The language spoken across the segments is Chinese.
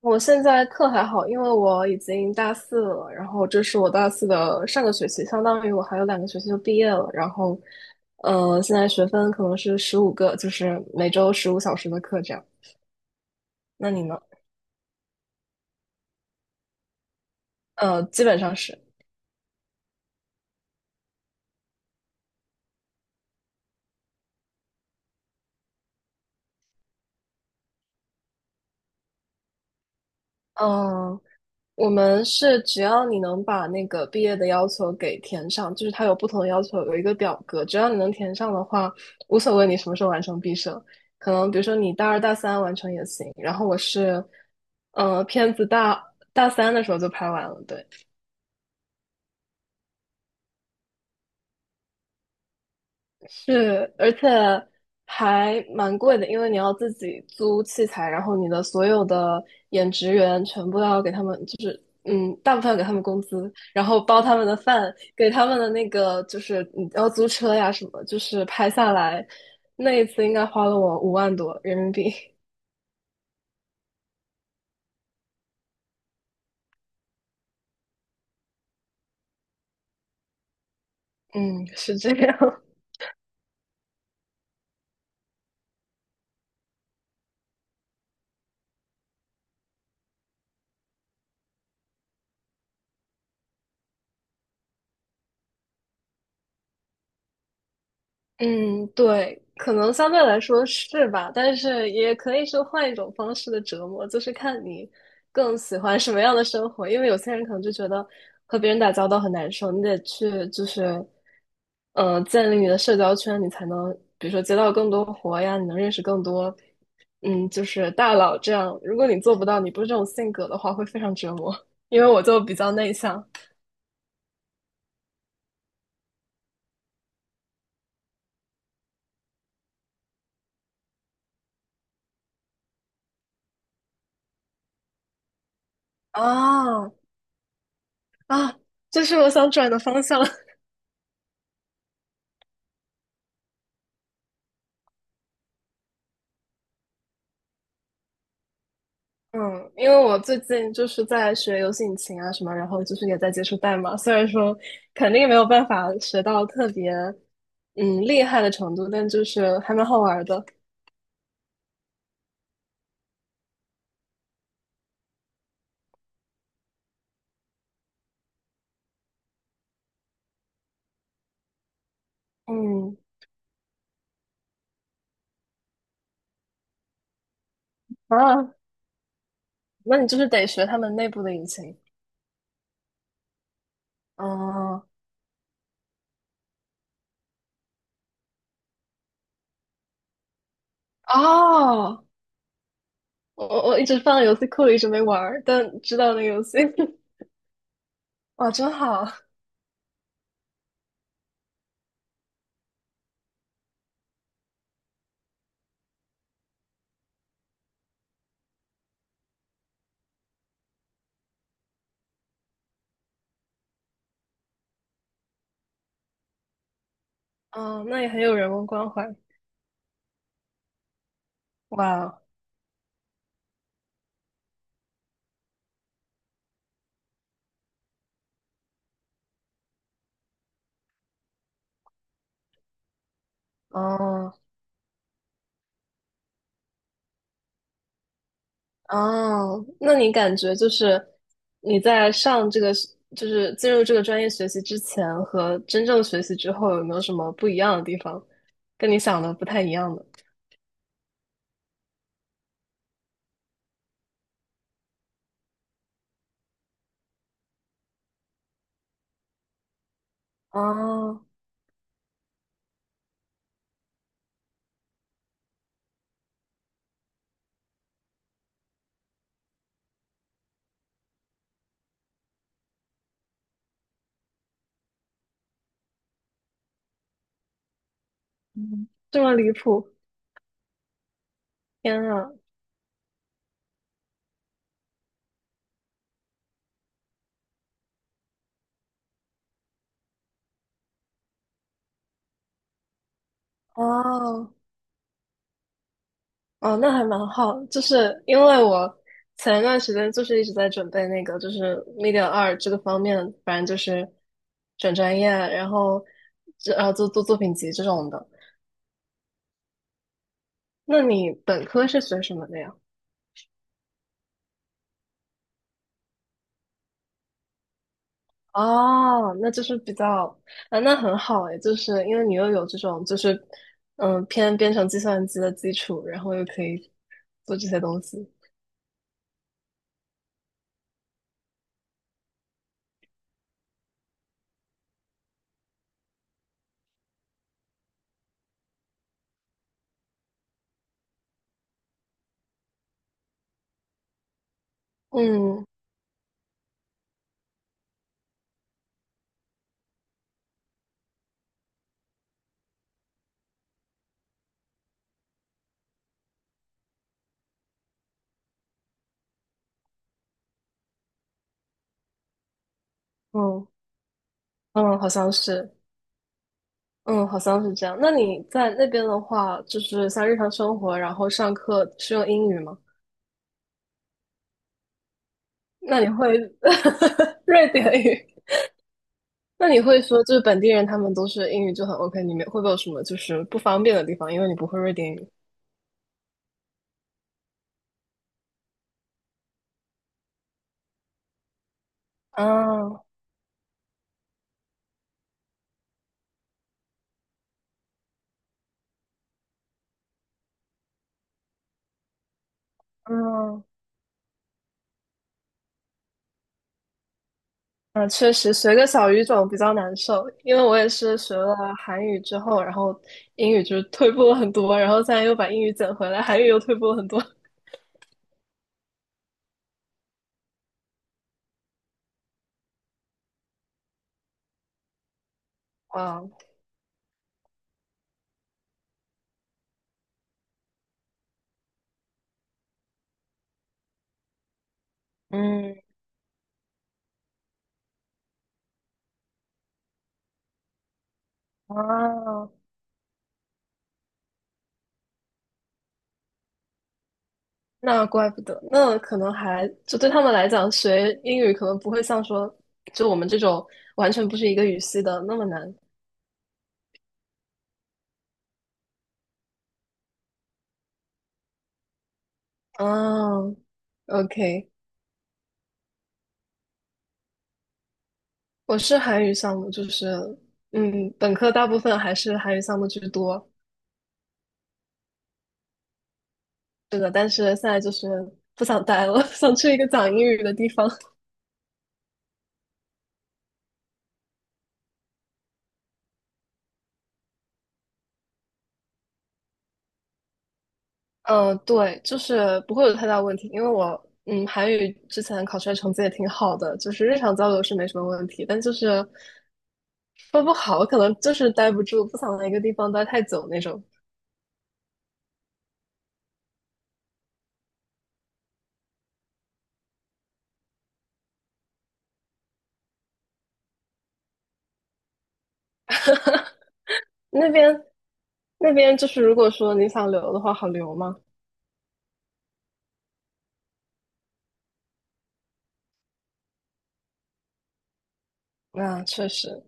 我现在课还好，因为我已经大四了，然后这是我大四的上个学期，相当于我还有2个学期就毕业了。然后，现在学分可能是15个，就是每周15小时的课这样。那你呢？基本上是，嗯、我们是只要你能把那个毕业的要求给填上，就是它有不同的要求，有一个表格，只要你能填上的话，无所谓你什么时候完成毕设。可能比如说你大二大三完成也行，然后我是，片子大三的时候就拍完了，对。是，而且还蛮贵的，因为你要自己租器材，然后你的所有的演职员全部要给他们，就是大部分要给他们工资，然后包他们的饭，给他们的那个就是你要租车呀什么，就是拍下来那一次应该花了我5万多人民币。嗯，是这样。嗯，对，可能相对来说是吧，但是也可以是换一种方式的折磨，就是看你更喜欢什么样的生活。因为有些人可能就觉得和别人打交道很难受，你得去就是，建立你的社交圈，你才能比如说接到更多活呀，你能认识更多，就是大佬这样。如果你做不到，你不是这种性格的话，会非常折磨。因为我就比较内向。啊啊，这是我想转的方向。嗯，因为我最近就是在学游戏引擎啊什么，然后就是也在接触代码。虽然说肯定没有办法学到特别厉害的程度，但就是还蛮好玩儿的。嗯。啊，那你就是得学他们内部的引擎。哦哦，我一直放在游戏库里，一直没玩儿但知道那个游戏。哇，真好。嗯，那也很有人文关怀。哇，哦，哦哦，那你感觉就是你在上这个是，就是进入这个专业学习之前和真正学习之后，有没有什么不一样的地方？跟你想的不太一样的？哦，嗯，这么离谱！天啊！哦哦，那还蛮好，就是因为我前一段时间就是一直在准备那个，就是 Media 二这个方面，反正就是转专业，然后这做做作品集这种的。那你本科是学什么的呀？哦，那就是比较。啊，那很好诶，就是因为你又有这种就是偏编程计算机的基础，然后又可以做这些东西。嗯。嗯嗯，好像是，嗯，好像是这样。那你在那边的话，就是像日常生活，然后上课是用英语吗？那你会 瑞典语？那你会说，就是本地人他们都是英语就很 OK，你们会不会有什么就是不方便的地方？因为你不会瑞典语。嗯嗯嗯，确实学个小语种比较难受，因为我也是学了韩语之后，然后英语就退步了很多，然后现在又把英语捡回来，韩语又退步了很多。啊嗯啊，那怪不得，那可能还就对他们来讲，学英语可能不会像说就我们这种完全不是一个语系的那么难。嗯，OK，我是韩语项目，就是本科大部分还是韩语项目居多。是的，但是现在就是不想待了，想去一个讲英语的地方。嗯，对，就是不会有太大问题，因为我韩语之前考出来成绩也挺好的，就是日常交流是没什么问题，但就是说不好，可能就是待不住，不想在一个地方待太久那种。那边就是如果说你想留的话，好留吗？那确实，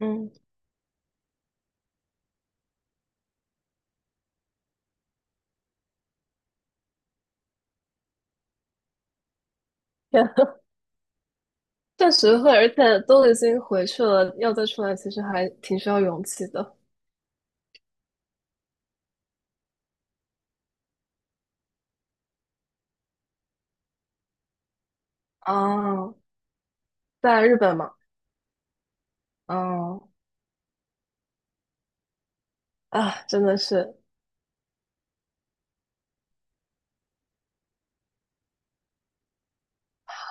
嗯，天啊。确实会，而且都已经回去了，要再出来，其实还挺需要勇气的。啊，在日本嘛，嗯。啊，真的是。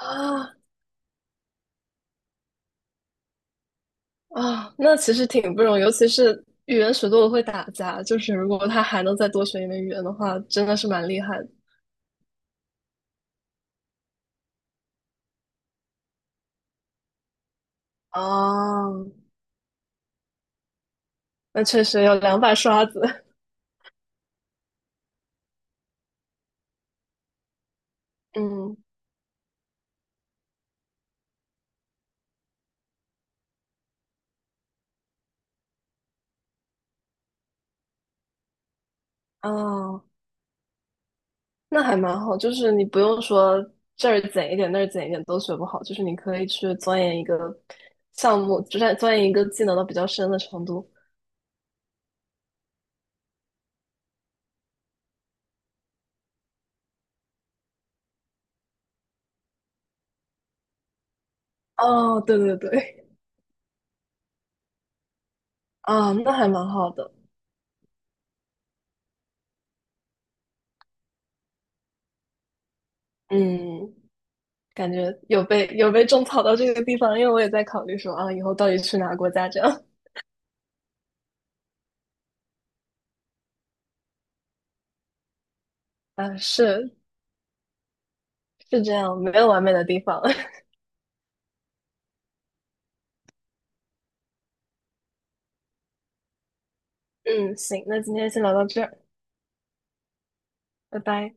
啊啊，那其实挺不容易，尤其是语言学多了会打架，就是如果他还能再多学一门语言的话，真的是蛮厉害的。哦，那确实有两把刷子，嗯，啊，那还蛮好，就是你不用说这儿减一点那儿减一点都学不好，就是你可以去钻研一个项目，就算钻研一个技能到比较深的程度。哦，对对对，啊，那还蛮好的，嗯。感觉有被种草到这个地方，因为我也在考虑说啊，以后到底去哪个国家这样。啊，是。是这样，没有完美的地方。嗯，行，那今天先聊到这儿，拜拜。